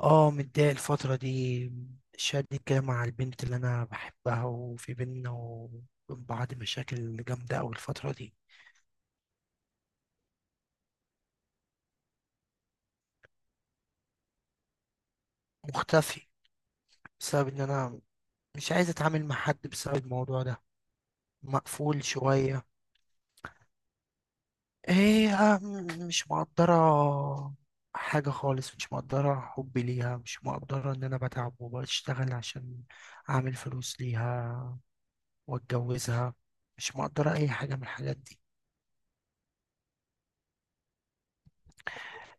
اه، متضايق الفترة دي. شادي كده مع البنت اللي أنا بحبها، وفي بينا وبين بعض مشاكل جامدة أوي الفترة دي. مختفي. بسبب إن أنا مش عايز أتعامل مع حد بسبب الموضوع ده. مقفول شوية. هي مش مقدرة حاجة خالص، مش مقدرة حبي ليها، مش مقدرة إن أنا بتعب وبشتغل عشان أعمل فلوس ليها وأتجوزها، مش مقدرة أي حاجة من الحاجات دي.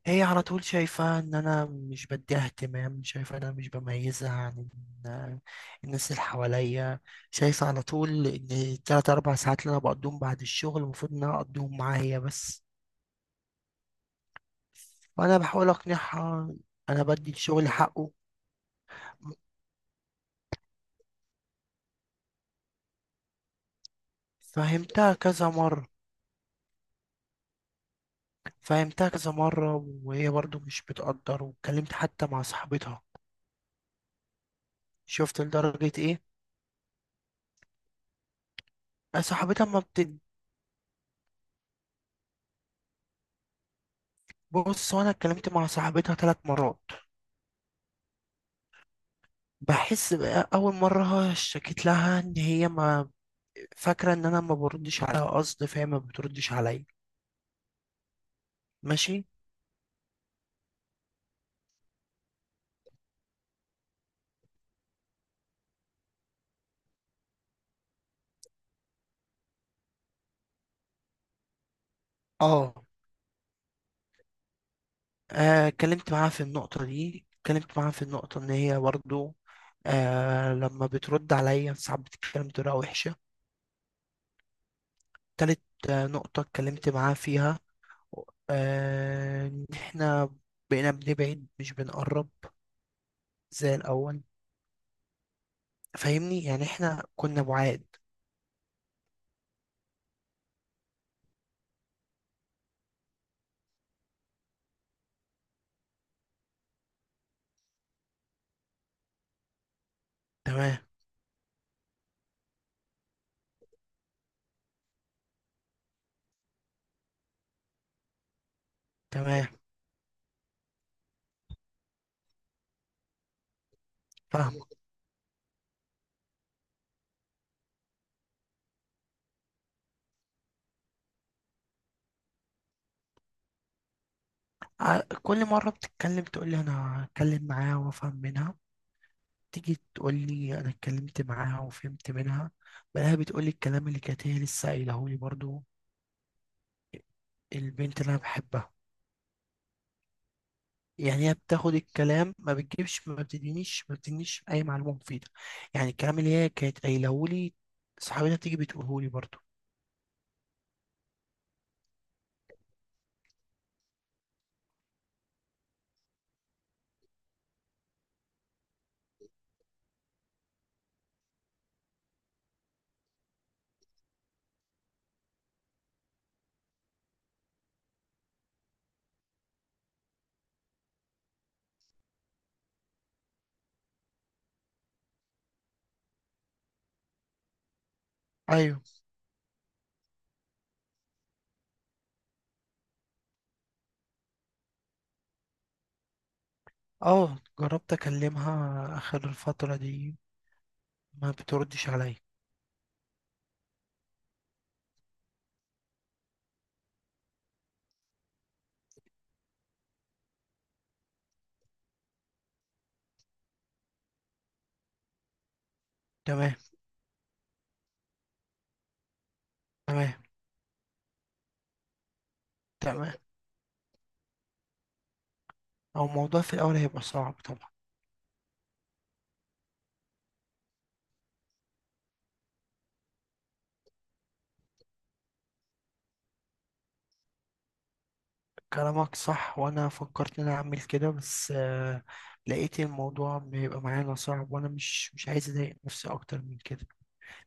هي على طول شايفة ان انا مش بديها اهتمام، شايفة ان انا مش بميزها عن ال- الناس اللي حواليا. شايفة على طول ان التلات اربع ساعات اللي انا بقضيهم بعد الشغل المفروض ان انا اقضيهم معاها هي بس. وانا بحاول اقنعها. انا بدي الشغل حقه. فهمتها كذا مرة، فهمتها كذا مرة، وهي برضو مش بتقدر. واتكلمت حتى مع صاحبتها. شفت لدرجة ايه؟ صاحبتها ما بتبص. وانا اتكلمت مع صاحبتها 3 مرات. بحس بقى اول مره اشتكيت لها ان هي ما فاكره ان انا ما بردش عليها قصد، فهي ما بتردش عليا. ماشي. اه. اتكلمت معاها في النقطه دي، اتكلمت معاها في النقطه ان هي برضه لما بترد عليا ساعات بتتكلم بطريقه وحشه. تالت نقطه اتكلمت معاها فيها، ان احنا بقينا بنبعد مش بنقرب زي الاول. فاهمني؟ يعني احنا كنا بعاد. تمام. تمام. فاهم. كل مرة بتتكلم تقول لي أنا أتكلم معاها وأفهم منها. تيجي تقول لي أنا اتكلمت معاها وفهمت منها، بلاقيها بتقول لي الكلام اللي كانت هي لسه قايلهولي برضو. البنت اللي أنا بحبها. يعني هي بتاخد الكلام، ما بتجيبش، ما بتدينيش أي معلومة مفيدة. يعني الكلام اللي هي كانت قايلهولي صاحبتها تيجي بتقولهولي برضو. أيوه. أه، جربت أكلمها آخر الفترة دي. ما بتردش عليا. تمام. تمام. تمام. هو الموضوع في الأول هيبقى صعب طبعا. كلامك صح، وانا فكرت ان انا اعمل كده، بس لقيت الموضوع بيبقى معانا صعب. وانا مش عايز اضايق نفسي اكتر من كده.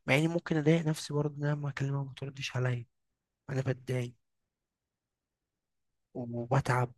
مع اني ممكن اضايق نفسي برضه، ان انا لما اكلمها ما تردش عليا انا بتضايق وبتعب.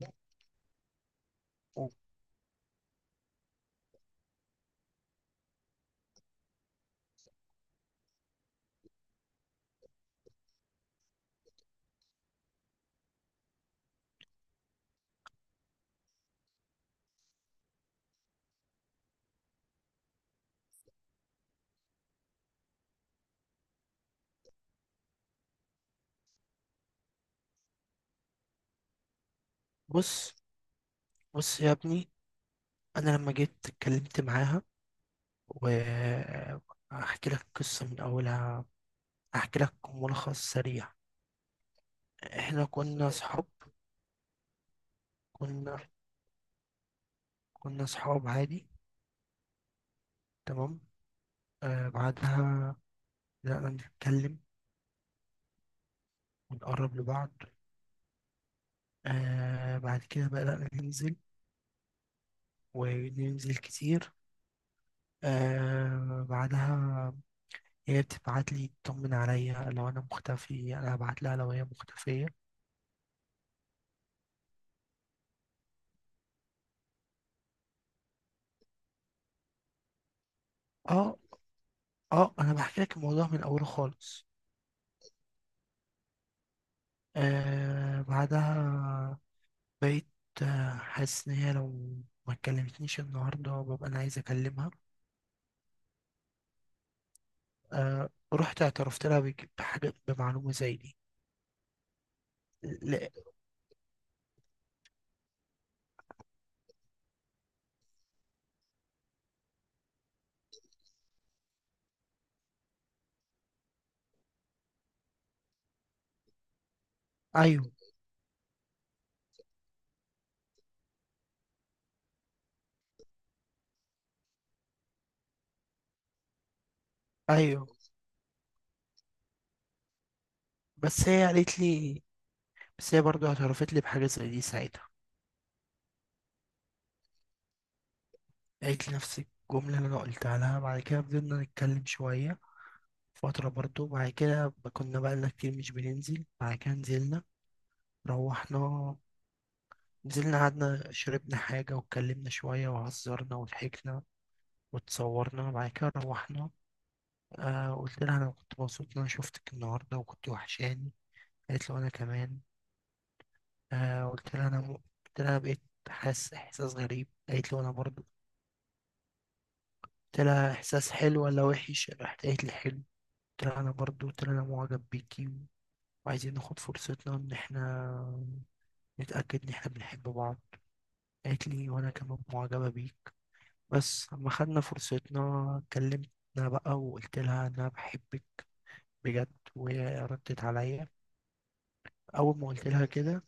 بص، بص يا ابني. انا لما جيت اتكلمت معاها، وهحكي لك قصة من اولها، هحكي لك ملخص سريع. احنا كنا صحاب. كنا كنا صحاب عادي. تمام. بعدها بدأنا نتكلم ونقرب لبعض. بعد كده بدأنا ننزل وننزل كتير. بعدها هي بتبعت لي تطمن عليا لو انا مختفي، انا هبعت لها لو هي مختفية. اه، اه، انا بحكي لك الموضوع من اوله خالص. بعدها بقيت حاسس ان هي لو ما كلمتنيش النهارده ببقى انا عايز اكلمها. رحت اعترفت لها بحاجة، بمعلومة زي دي. لا. ايوه، ايوه. بس هي قالت لي بس هي برضه اعترفت لي بحاجة زي دي ساعتها. قالت لي نفس الجملة اللي أنا قلتها لها. بعد كده فضلنا نتكلم شوية فترة برضه. بعد كده كنا بقالنا كتير مش بننزل. بعد كده نزلنا. روحنا، نزلنا قعدنا شربنا حاجة واتكلمنا شوية وهزرنا وضحكنا واتصورنا. بعد كده روحنا. قلت لها أنا كنت مبسوط إن أنا شفتك النهاردة وكنت وحشاني. قالت له أنا كمان. آه قلت لها أنا م... قلت لها أنا بقيت حاسس إحساس غريب. قالت له أنا برضه. قلت لها احساس حلو ولا وحش، راحت قالت لي حلو. قلت لها انا برضو، قلت لها انا معجب بيكي، وعايزين ناخد فرصتنا ان احنا نتاكد ان احنا بنحب بعض. قالت لي وانا كمان معجبه بيك. بس اما خدنا فرصتنا كلمتنا بقى، وقلت لها انا بحبك بجد، وهي ردت عليا اول ما قلت لها كده.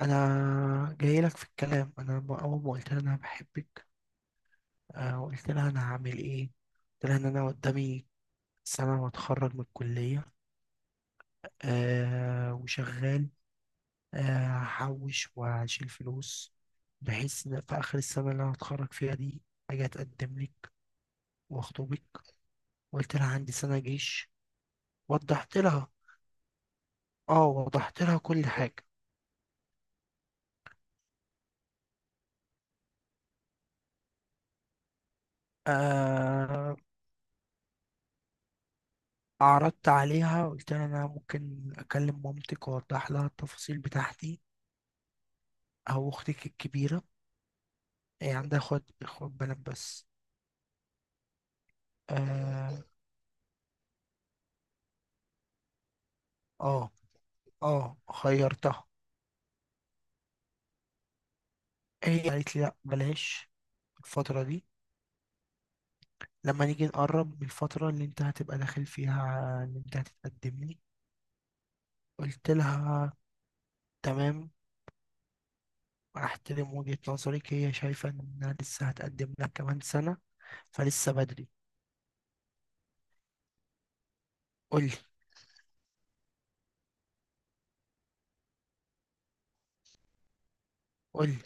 انا جاي لك في الكلام. اول ما قلت لها انا بحبك، قلت لها انا هعمل ايه. قلت لها ان انا قدامي سنه واتخرج من الكليه، وشغال. هحوش وهشيل فلوس، بحيث إن في آخر السنة اللي أنا هتخرج فيها دي أجي أتقدم لك وأخطبك. وقلت لها عندي سنة جيش. وضحت لها وضحت لها كل حاجة. آه أعرضت عليها، قلت لها أنا ممكن أكلم مامتك وأوضح لها التفاصيل بتاعتي أو أختك الكبيرة. هي عندها أخوات، أخوات بنات بس. آه. آه. آه. خيرتها. هي قالت لي لأ، بلاش الفترة دي. لما نيجي نقرب من الفترة اللي انت هتبقى داخل فيها، اللي انت هتتقدم لي. قلت لها تمام، احترم وجهة نظرك. هي شايفة انها لسه هتقدم لك كمان سنة، فلسه بدري. قولي، قولي.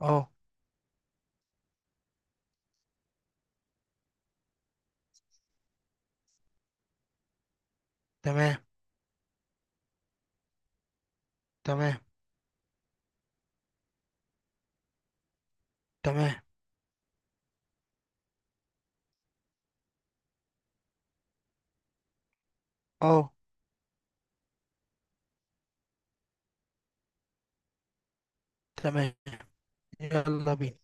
اه. تمام. تمام. تمام. اه، تمام. يلا بينا.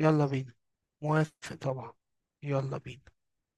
يلا بينا. موافق طبعا. يلا بينا.